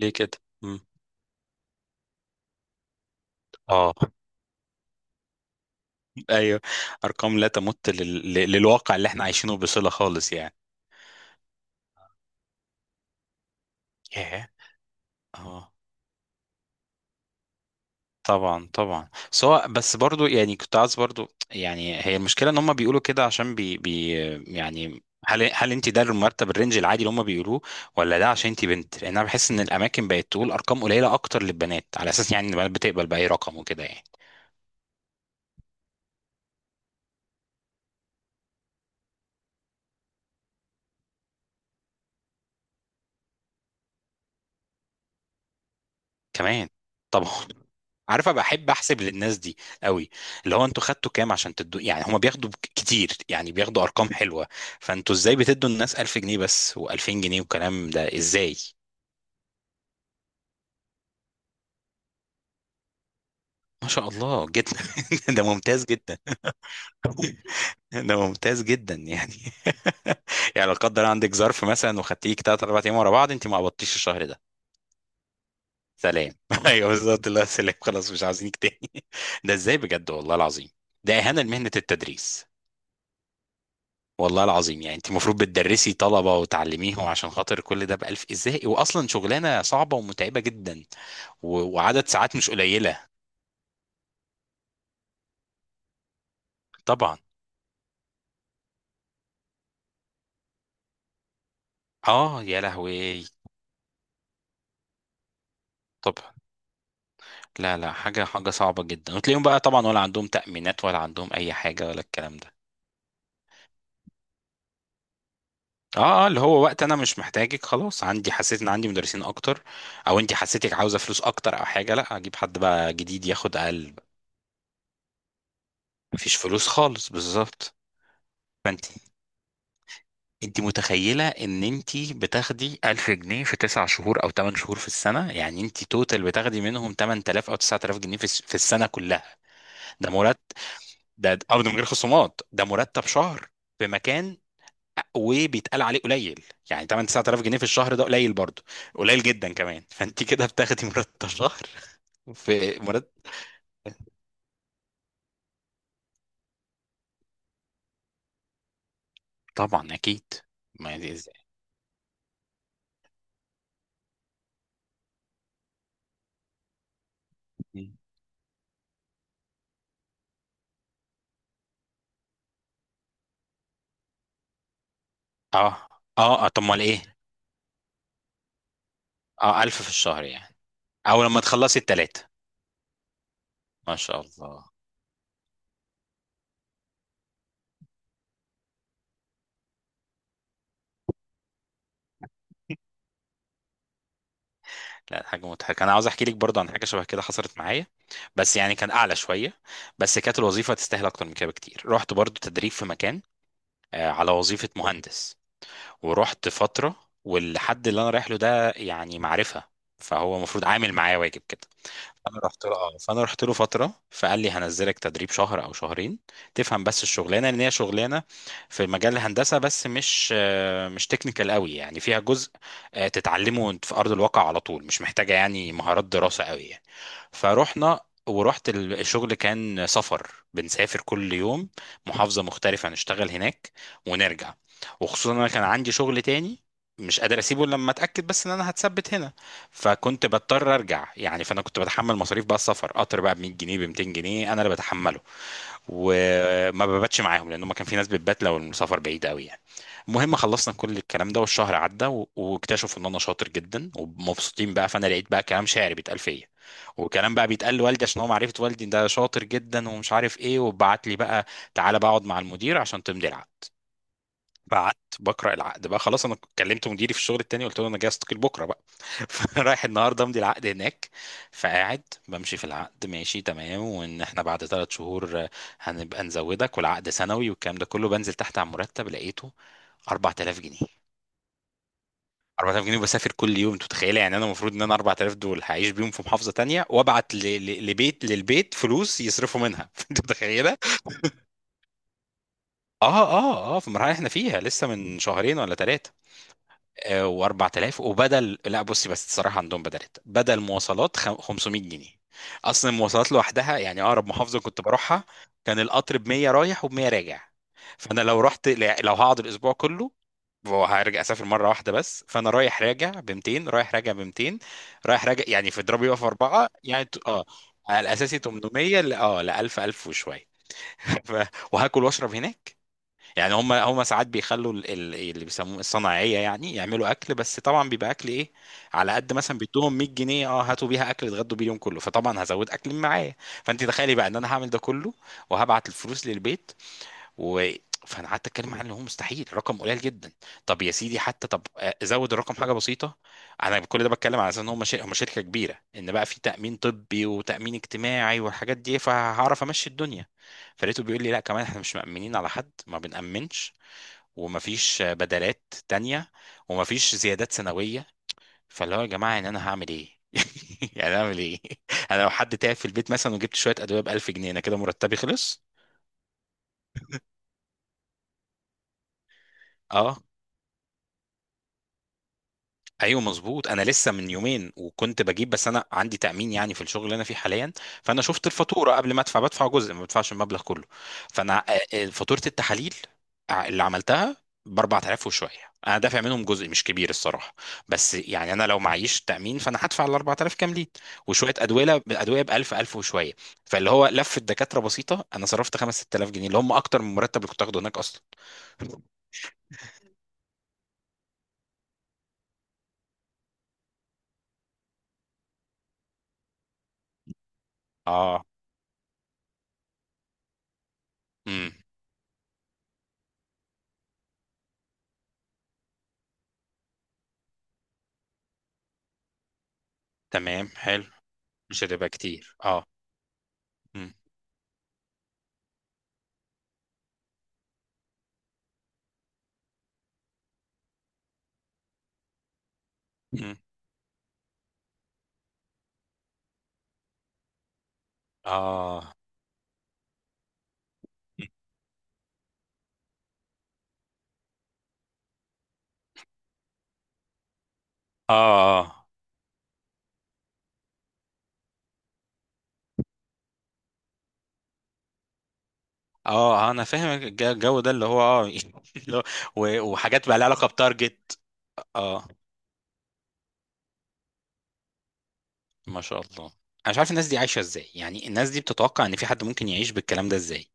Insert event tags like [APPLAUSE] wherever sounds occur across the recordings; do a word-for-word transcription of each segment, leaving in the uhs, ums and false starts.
ليه كده؟ مم. اه. [LAUGHS] ايوه. ارقام لا تمت لل... لل- للواقع اللي احنا عايشينه بصلة خالص يعني. ياه. اه، طبعا طبعا، سواء، بس برضو يعني كنت عايز برضو يعني، هي المشكلة ان هم بيقولوا كده عشان بي... بي يعني هل هل انت ده المرتب الرينج العادي اللي هم بيقولوه، ولا ده عشان انت بنت؟ لان انا بحس ان الاماكن بقت تقول ارقام قليلة اكتر للبنات على اساس يعني ان البنات بتقبل باي رقم وكده يعني. كمان. طبعا. عارفه بحب احسب للناس دي قوي، اللي هو انتوا خدتوا كام عشان تدوا؟ يعني هما بياخدوا ك- كتير، يعني بياخدوا ارقام حلوه، فانتوا ازاي بتدوا الناس ألف جنيه بس و2000 جنيه والكلام ده؟ ازاي؟ ما شاء الله جدا. [LAUGHS] ده ممتاز جدا. ده ممتاز جدا يعني. [LAUGHS] يعني لو قدر عندك ظرف مثلا وخدتيك تلاتة أربعة ايام ورا بعض، انت ما قبضتيش الشهر ده؟ سلام. [LAUGHS] ايوه بالظبط، الله، سلام، خلاص مش عاوزينك تاني. [LAUGHS] ده ازاي بجد، والله العظيم ده اهانه لمهنه التدريس. والله العظيم يعني انت المفروض بتدرسي طلبة وتعلميهم عشان خاطر كل ده بألف؟ ازاي؟ واصلا شغلانة صعبة ومتعبة جدا. و... وعدد ساعات مش قليلة. طبعا. اه يا لهوي. طبعا. لا لا، حاجة حاجة صعبة جدا. وتلاقيهم بقى طبعا ولا عندهم تأمينات ولا عندهم اي حاجة ولا الكلام ده. اه اه، اللي هو وقت انا مش محتاجك خلاص، عندي، حسيت ان عندي مدرسين اكتر، او انت حسيتك عاوزة فلوس اكتر او حاجة، لا، اجيب حد بقى جديد ياخد اقل، مفيش فلوس خالص بالظبط. فانت، انت متخيله ان انت بتاخدي ألف جنيه في تسعة شهور او تمن شهور في السنه؟ يعني انت توتال بتاخدي منهم تمن تلاف او تسعة آلاف جنيه في الس- في السنه كلها. ده مرتب، ده ده ارض من غير خصومات، ده مرتب شهر في مكان وبيتقال عليه قليل؟ يعني ثمانية تسعة آلاف جنيه في الشهر ده قليل برضه؟ قليل جدا كمان. [LAUGHS] فانت كده بتاخدي مرتب شهر في مرتب. طبعا اكيد. ما دي ازاي. اه اه، آه، طب امال ايه؟ اه، ألف في الشهر يعني، او لما تخلصي الثلاثه. ما شاء الله. لا، حاجة مضحكة، أنا عاوز أحكي لك برضه عن حاجة شبه كده حصلت معايا، بس يعني كان أعلى شوية، بس كانت الوظيفة تستاهل أكتر من كده بكتير. رحت برضه تدريب في مكان، آه، على وظيفة مهندس. ورحت فترة، والحد اللي أنا رايح له ده يعني معرفة، فهو المفروض عامل معايا واجب كده. انا رحت له اه، فانا رحت له فتره فقال لي هنزلك تدريب شهر او شهرين تفهم بس الشغلانه، لان هي شغلانه في مجال الهندسه بس مش آه، مش تكنيكال قوي، يعني فيها جزء آه، تتعلمه وانت في ارض الواقع على طول، مش محتاجه يعني مهارات دراسه قوي يعني. فروحنا. ورحت ال- الشغل كان سفر، بنسافر كل يوم محافظه مختلفه نشتغل هناك ونرجع. وخصوصا انا كان عندي شغل تاني مش قادر اسيبه إلا لما اتاكد بس ان انا هتثبت هنا، فكنت بضطر ارجع يعني. فانا كنت بتحمل مصاريف بقى السفر، قطر بقى ب مية جنيه ب ميتين جنيه انا اللي بتحمله، وما بباتش معاهم لان ما كان في ناس بتبات لو المسافر بعيد قوي يعني. المهم خلصنا كل الكلام ده والشهر عدى و- واكتشفوا ان انا شاطر جدا ومبسوطين بقى، فانا لقيت بقى كلام شعري بيتقال فيا، وكلام بقى بيتقال لوالدي عشان هو معرفه والدي، ده شاطر جدا ومش عارف ايه، وبعت لي بقى تعالى بقى اقعد مع المدير عشان تمضي العقد. فقعدت بقرا العقد بقى، خلاص انا كلمت مديري في الشغل التاني قلت له انا جاي استقيل بكره بقى. [LAUGHS] فرايح النهارده امضي العقد هناك. فقاعد بمشي في العقد ماشي تمام، وان احنا بعد ثلاث شهور هنبقى نزودك والعقد سنوي والكلام ده كله. بنزل تحت على المرتب لقيته أربعة آلاف جنيه. أربعة آلاف جنيه وبسافر كل يوم، انت متخيله؟ يعني انا المفروض ان انا أربع تلاف دول هعيش بيهم في محافظه تانية وابعت ل... ل... لبيت، للبيت فلوس يصرفوا منها. [LAUGHS] انت متخيله؟ اه اه اه في المرحله اللي احنا فيها، لسه من شهرين ولا ثلاثه. و4000 وبدل، لا بصي بس الصراحه عندهم بدلت، بدل مواصلات خم- خمسمائة جنيه، اصلا المواصلات لوحدها يعني، اقرب محافظه كنت بروحها كان القطر ب مية رايح وب مية راجع، فانا لو رحت، لو هقعد الاسبوع كله وهرجع اسافر مره واحده بس، فانا رايح راجع ب ميتين رايح راجع ب ميتين رايح راجع يعني، في اضربي بقى في اربعه يعني ت- اه، على الاساسي تمن مية ل- اه ل ألف ألف وشويه. [LAUGHS] ف... وهاكل واشرب هناك، يعني هم هم ساعات بيخلوا ال- ال- اللي بيسموه الصناعيه يعني، يعملوا اكل بس طبعا بيبقى اكل ايه، على قد مثلا بيدوهم مية جنيه اه، هاتوا بيها اكل اتغدوا بيه اليوم كله، فطبعا هزود اكل معايا. فانت تخيلي بقى ان انا هعمل ده كله وهبعت الفلوس للبيت و، فانا قعدت اتكلم عنه اللي هو مستحيل رقم قليل جدا. طب يا سيدي حتى طب آه، زود الرقم حاجه بسيطه. انا كل ده بتكلم على اساس ان هم شر- هم شركه كبيره، ان بقى في تامين طبي وتامين اجتماعي والحاجات دي فهعرف امشي الدنيا. فلقيته بيقول لي لا كمان احنا مش مأمنين على حد، ما بنأمنش، ومفيش آه، بدلات تانية، ومفيش زيادات سنويه. فاللي هو يا جماعه يعني انا هعمل ايه؟ [LAUGHS] يعني اعمل ايه؟ [LAUGHS] انا لو حد تعب في البيت مثلا وجبت شويه ادويه ب ألف جنيه، انا كده مرتبي خلص. اه، ايوه مظبوط، انا لسه من يومين وكنت بجيب، بس انا عندي تامين يعني في الشغل اللي انا فيه حاليا، فانا شفت الفاتوره قبل ما ادفع، بدفع جزء ما بدفعش المبلغ كله. فانا آه، آه، فاتوره التحاليل ع- اللي عملتها ب أربع تلاف وشويه، انا دافع منهم جزء مش كبير الصراحه، بس يعني انا لو معيش تامين فانا هدفع ال أربعة آلاف كاملين، وشويه ادويه، ادويه ب ألف ألف وشويه، فاللي هو لفه دكاتره بسيطه انا صرفت خمسة ستة آلاف جنيه اللي هم اكتر من المرتب اللي كنت اخده هناك اصلا. اه. امم. تمام، حلو. مش هتبقى كتير اه. امم. مم. اه اه اه، انا فاهم الج- الجو ده اللي هو اه. [LAUGHS] اللي هو- و- وحاجات بقى لها علاقه بتارجت. اه. ما شاء الله. انا مش عارف الناس دي عايشه ازاي، يعني الناس دي بتتوقع ان في حد ممكن يعيش بالكلام ده ازاي؟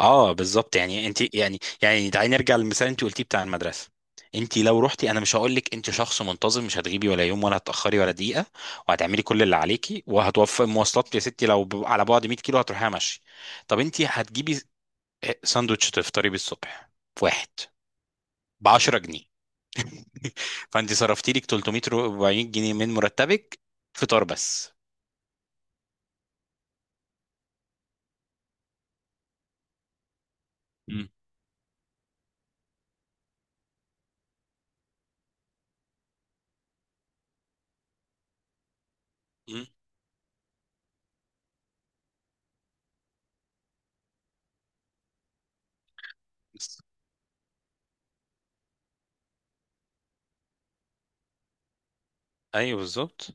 اه بالظبط يعني انت، يعني يعني تعالي نرجع للمثال اللي انت قلتيه بتاع المدرسه، انت لو رحتي، انا مش هقول لك انت شخص منتظم مش هتغيبي ولا يوم ولا هتاخري ولا دقيقه، وهتعملي كل اللي عليكي وهتوفري مواصلات يا ستي، لو ب- على بعد مية كيلو هتروحيها ماشي، طب انت هتجيبي إيه، ساندوتش تفطري بيه الصبح في واحد ب عشرة جنيه. [LAUGHS] فانت صرفتي لك تلت مية وأربعين جنيه من مرتبك فطار بس. مم. مم. بس. ايوه بالظبط.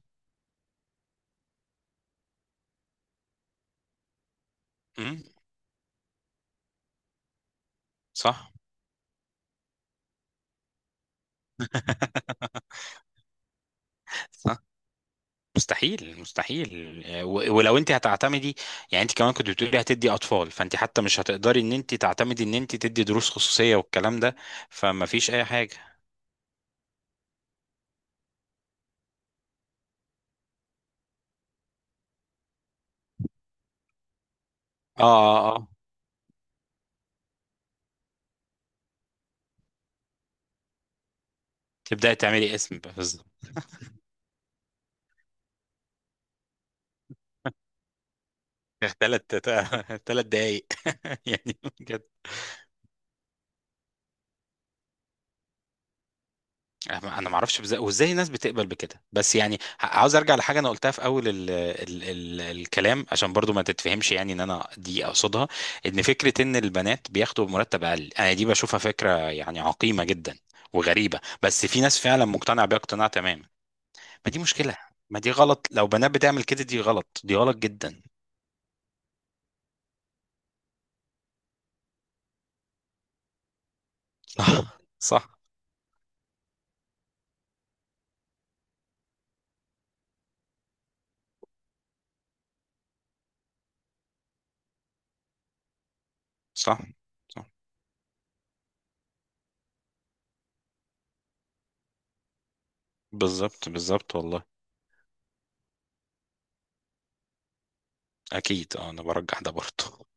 مم. صح. [LAUGHS] صح. مستحيل مستحيل. آه، و- ولو انت هتعتمدي، يعني انت كمان كنت بتقولي هتدي اطفال، فانت حتى مش هتقدري ان انت تعتمدي ان انت تدي دروس خصوصيه والكلام ده، فما فيش اي حاجه. اه اه اه، تبداي تعملي اسم بقى. ثلاث، ثلاث دقايق. [LAUGHS] يعني بجد انا ما اعرفش بز- وازاي الناس بتقبل بكده، بس يعني ه- عاوز ارجع لحاجه انا قلتها في اول ال ال ال الكلام عشان برضو ما تتفهمش يعني ان انا دي اقصدها، ان فكره ان البنات بياخدوا مرتب اقل، انا دي بشوفها فكره يعني عقيمه جدا وغريبه، بس في ناس فعلا مقتنعه بيها اقتناع تمام. ما دي مشكله، ما دي غلط، لو بنات بتعمل كده دي غلط دي غلط جدا. [LAUGHS] صح صح. صح. صح. بالظبط بالظبط والله. اكيد آه، انا برجح ده برضو.